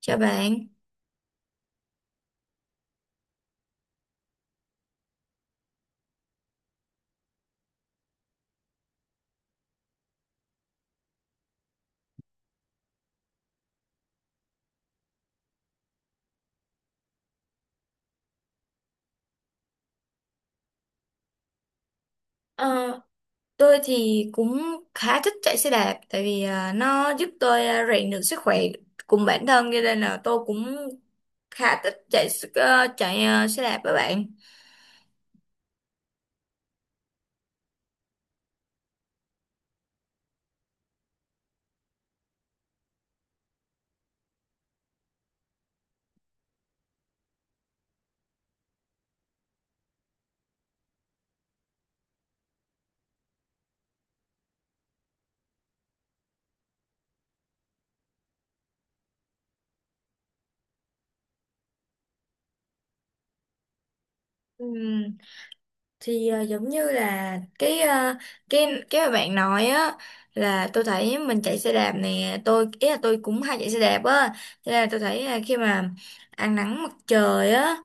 Chào bạn. Ờ, tôi thì cũng khá thích chạy xe đạp tại vì nó giúp tôi rèn được sức khỏe cùng bản thân, cho nên là tôi cũng khá thích chạy xe đạp với bạn. Ừm, thì giống như là cái à, cái cái mà bạn nói á, là tôi thấy mình chạy xe đạp nè, tôi ý là tôi cũng hay chạy xe đạp á, cho nên là tôi thấy là khi mà ăn nắng mặt trời á,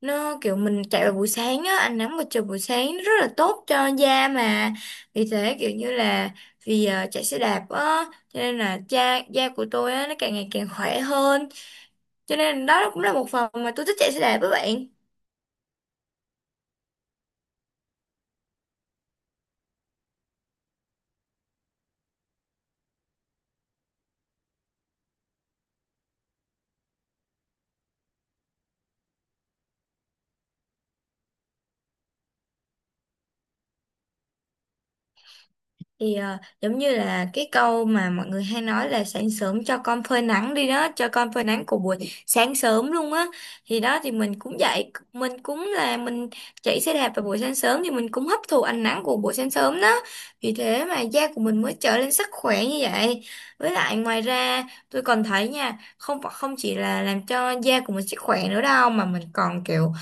nó kiểu mình chạy vào buổi sáng á, ánh nắng mặt trời buổi sáng nó rất là tốt cho da mà, vì thế kiểu như là vì chạy xe đạp á cho nên là da da của tôi á nó càng ngày càng khỏe hơn, cho nên đó cũng là một phần mà tôi thích chạy xe đạp với bạn. Thì giống như là cái câu mà mọi người hay nói là sáng sớm cho con phơi nắng đi đó, cho con phơi nắng của buổi sáng sớm luôn á, thì đó thì mình cũng dậy, mình cũng là mình chạy xe đạp vào buổi sáng sớm thì mình cũng hấp thụ ánh nắng của buổi sáng sớm đó, vì thế mà da của mình mới trở nên sức khỏe như vậy. Với lại ngoài ra tôi còn thấy nha, không không chỉ là làm cho da của mình sức khỏe nữa đâu, mà mình còn kiểu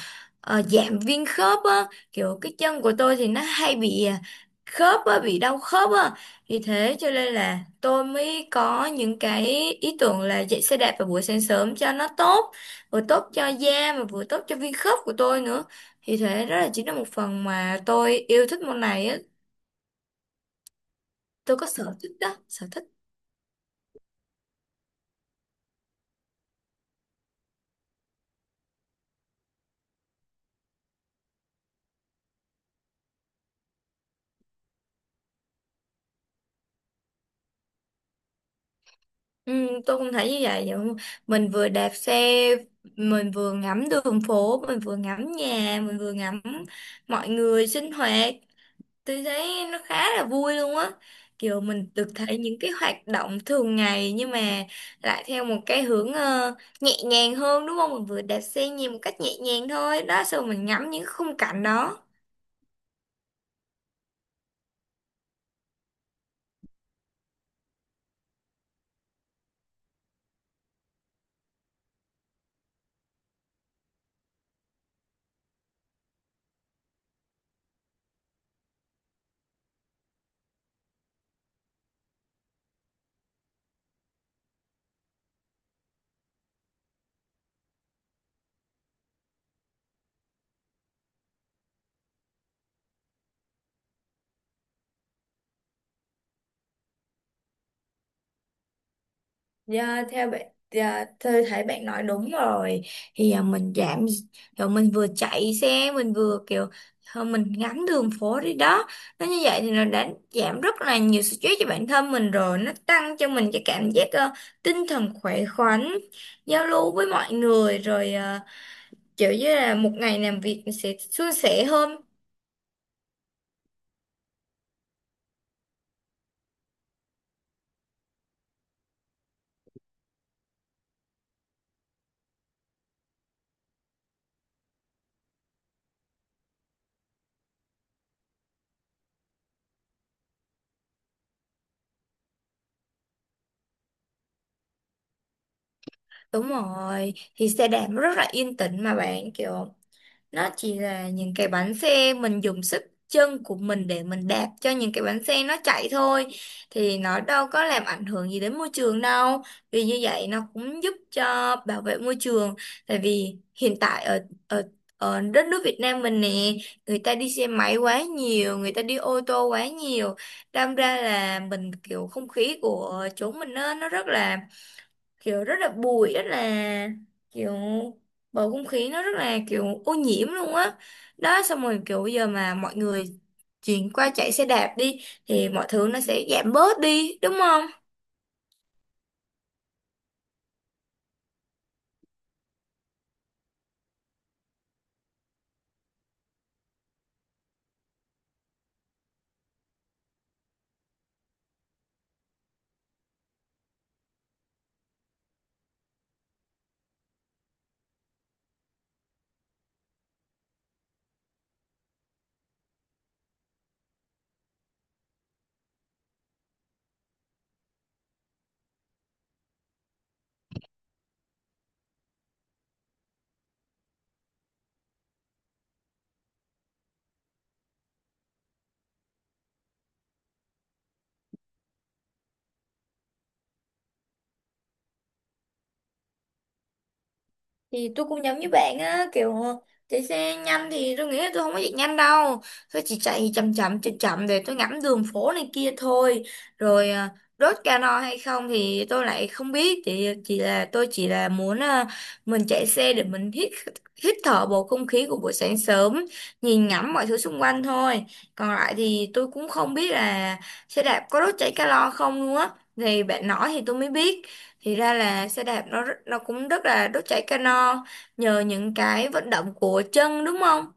giảm viêm khớp á, kiểu cái chân của tôi thì nó hay bị khớp á, bị đau khớp á. Thì thế cho nên là tôi mới có những cái ý tưởng là chạy xe đạp vào buổi sáng sớm cho nó tốt, vừa tốt cho da mà vừa tốt cho viên khớp của tôi nữa. Thì thế đó là chính là một phần mà tôi yêu thích môn này á, tôi có sở thích đó, sở thích. Ừ, tôi cũng thấy như vậy, vậy không? Mình vừa đạp xe, mình vừa ngắm đường phố, mình vừa ngắm nhà, mình vừa ngắm mọi người sinh hoạt, tôi thấy nó khá là vui luôn á, kiểu mình được thấy những cái hoạt động thường ngày nhưng mà lại theo một cái hướng nhẹ nhàng hơn, đúng không? Mình vừa đạp xe nhìn một cách nhẹ nhàng thôi đó, xong rồi mình ngắm những khung cảnh đó. Dạ, theo bạn, dạ, tôi thấy bạn nói đúng rồi, thì mình giảm, rồi mình vừa chạy xe mình vừa kiểu thôi mình ngắm đường phố đi đó, nó như vậy thì nó đã giảm rất là nhiều stress cho bản thân mình rồi, nó tăng cho mình cái cảm giác tinh thần khỏe khoắn, giao lưu với mọi người, rồi kiểu như là một ngày làm việc mình sẽ suôn sẻ hơn. Đúng rồi, thì xe đạp nó rất là yên tĩnh mà bạn, kiểu nó chỉ là những cái bánh xe mình dùng sức chân của mình để mình đạp cho những cái bánh xe nó chạy thôi, thì nó đâu có làm ảnh hưởng gì đến môi trường đâu, vì như vậy nó cũng giúp cho bảo vệ môi trường. Tại vì hiện tại ở ở ở đất nước Việt Nam mình nè, người ta đi xe máy quá nhiều, người ta đi ô tô quá nhiều, đâm ra là mình kiểu không khí của chỗ mình nó rất là kiểu, rất là bụi, rất là kiểu bầu không khí nó rất là kiểu ô nhiễm luôn á. Đó xong rồi kiểu bây giờ mà mọi người chuyển qua chạy xe đạp đi thì mọi thứ nó sẽ giảm bớt đi, đúng không? Thì tôi cũng giống như bạn á, kiểu chạy xe nhanh thì tôi nghĩ là tôi không có chạy nhanh đâu, tôi chỉ chạy chậm chậm chậm chậm để tôi ngắm đường phố này kia thôi, rồi đốt cano hay không thì tôi lại không biết, thì chỉ là tôi chỉ là muốn mình chạy xe để mình hít hít thở bầu không khí của buổi sáng sớm, nhìn ngắm mọi thứ xung quanh thôi. Còn lại thì tôi cũng không biết là xe đạp có đốt cháy calo không luôn á, thì bạn nói thì tôi mới biết, thì ra là xe đạp nó cũng rất là đốt cháy calo nhờ những cái vận động của chân, đúng không?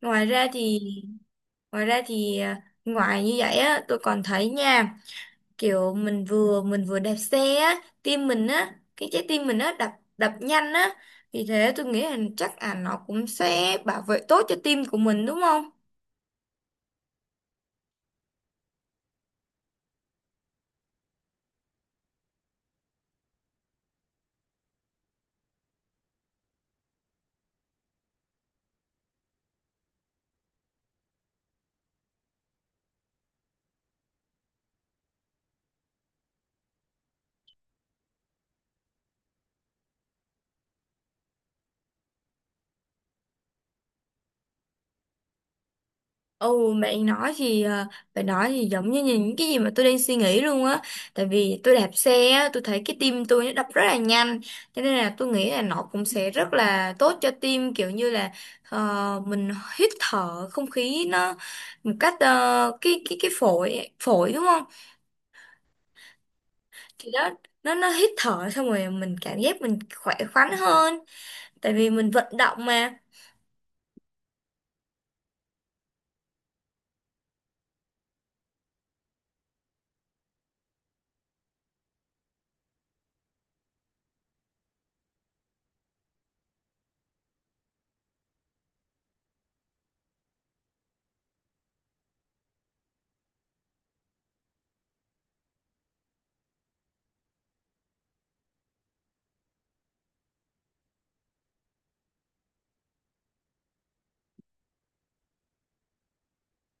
Ngoài ra thì ngoài như vậy á tôi còn thấy nha, kiểu mình vừa đạp xe á, tim mình á, cái trái tim mình á đập đập nhanh á, vì thế tôi nghĩ là chắc là nó cũng sẽ bảo vệ tốt cho tim của mình, đúng không? Ồ, bạn nói thì giống như những cái gì mà tôi đang suy nghĩ luôn á, tại vì tôi đạp xe á tôi thấy cái tim tôi nó đập rất là nhanh, cho nên là tôi nghĩ là nó cũng sẽ rất là tốt cho tim, kiểu như là mình hít thở không khí nó một cách cái phổi phổi, đúng không? Thì đó, nó hít thở xong rồi mình cảm giác mình khỏe khoắn hơn, tại vì mình vận động mà.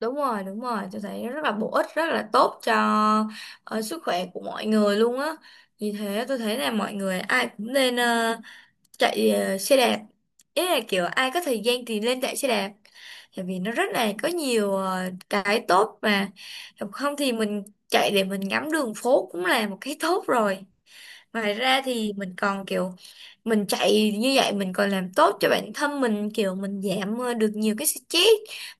Đúng rồi, tôi thấy rất là bổ ích, rất là tốt cho sức khỏe của mọi người luôn á. Vì thế tôi thấy là mọi người ai cũng nên chạy xe đạp. Ý là kiểu ai có thời gian thì lên chạy xe đạp, tại vì nó rất là có nhiều cái tốt mà. Không thì mình chạy để mình ngắm đường phố cũng là một cái tốt rồi. Ngoài ra thì mình còn kiểu mình chạy như vậy mình còn làm tốt cho bản thân mình, kiểu mình giảm được nhiều cái stress,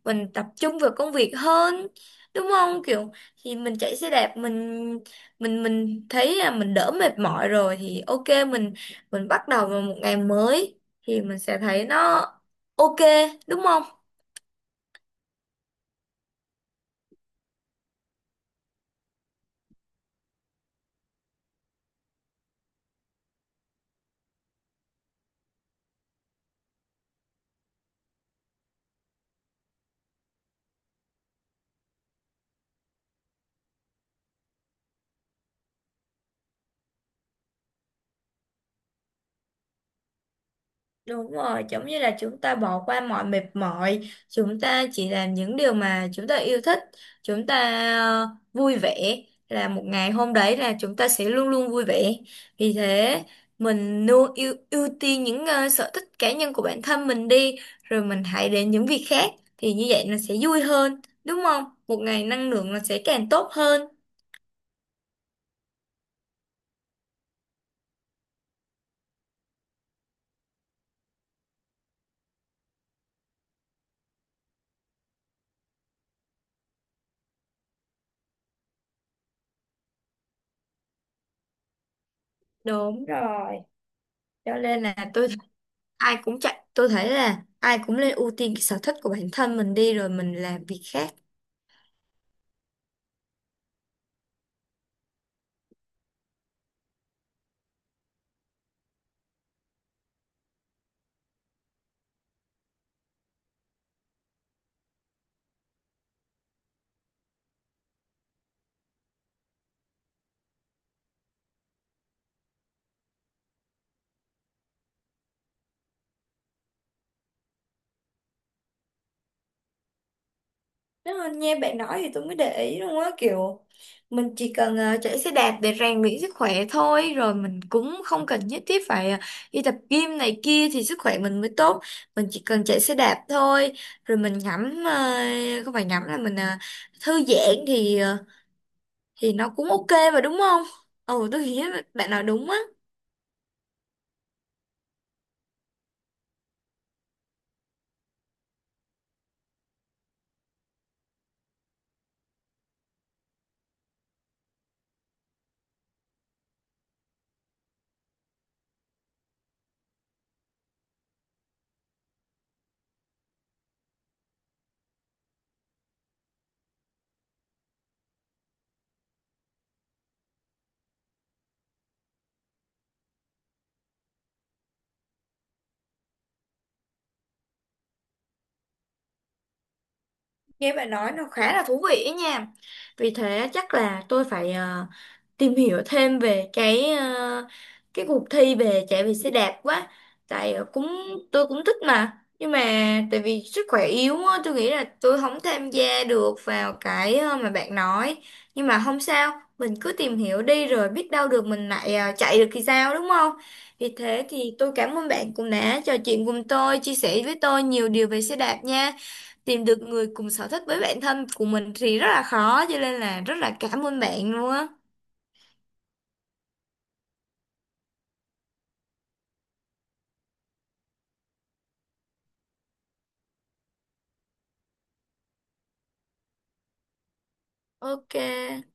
mình tập trung vào công việc hơn, đúng không? Kiểu thì mình chạy xe đạp, mình thấy là mình đỡ mệt mỏi rồi, thì ok, mình bắt đầu vào một ngày mới thì mình sẽ thấy nó ok, đúng không? Đúng rồi, giống như là chúng ta bỏ qua mọi mệt mỏi, chúng ta chỉ làm những điều mà chúng ta yêu thích, chúng ta ờ, vui vẻ, là một ngày hôm đấy là chúng ta sẽ luôn luôn vui vẻ. Vì thế, mình luôn ưu ưu tiên những sở thích cá nhân của bản thân mình đi, rồi mình hãy đến những việc khác thì như vậy nó sẽ vui hơn, đúng không? Một ngày năng lượng nó sẽ càng tốt hơn. Đúng rồi. Cho nên là tôi, ai cũng chạy, tôi thấy là ai cũng nên ưu tiên cái sở thích của bản thân mình đi rồi mình làm việc khác. Nếu mà nghe bạn nói thì tôi mới để ý luôn á, kiểu mình chỉ cần chạy xe đạp để rèn luyện sức khỏe thôi, rồi mình cũng không cần nhất thiết phải đi tập gym này kia thì sức khỏe mình mới tốt, mình chỉ cần chạy xe đạp thôi, rồi mình ngắm không phải ngắm là mình thư giãn thì thì nó cũng ok mà, đúng không? Ừ, tôi nghĩ là bạn nói đúng á. Nghe bạn nói nó khá là thú vị ấy nha, vì thế chắc là tôi phải tìm hiểu thêm về cái cái cuộc thi về chạy về xe đạp quá. Tại cũng tôi cũng thích mà. Nhưng mà tại vì sức khỏe yếu á, tôi nghĩ là tôi không tham gia được vào cái mà bạn nói. Nhưng mà không sao, mình cứ tìm hiểu đi rồi biết đâu được mình lại chạy được thì sao, đúng không? Vì thế thì tôi cảm ơn bạn cũng đã trò chuyện cùng tôi, chia sẻ với tôi nhiều điều về xe đạp nha, tìm được người cùng sở thích với bản thân của mình thì rất là khó, cho nên là rất là cảm ơn bạn luôn á. Ok.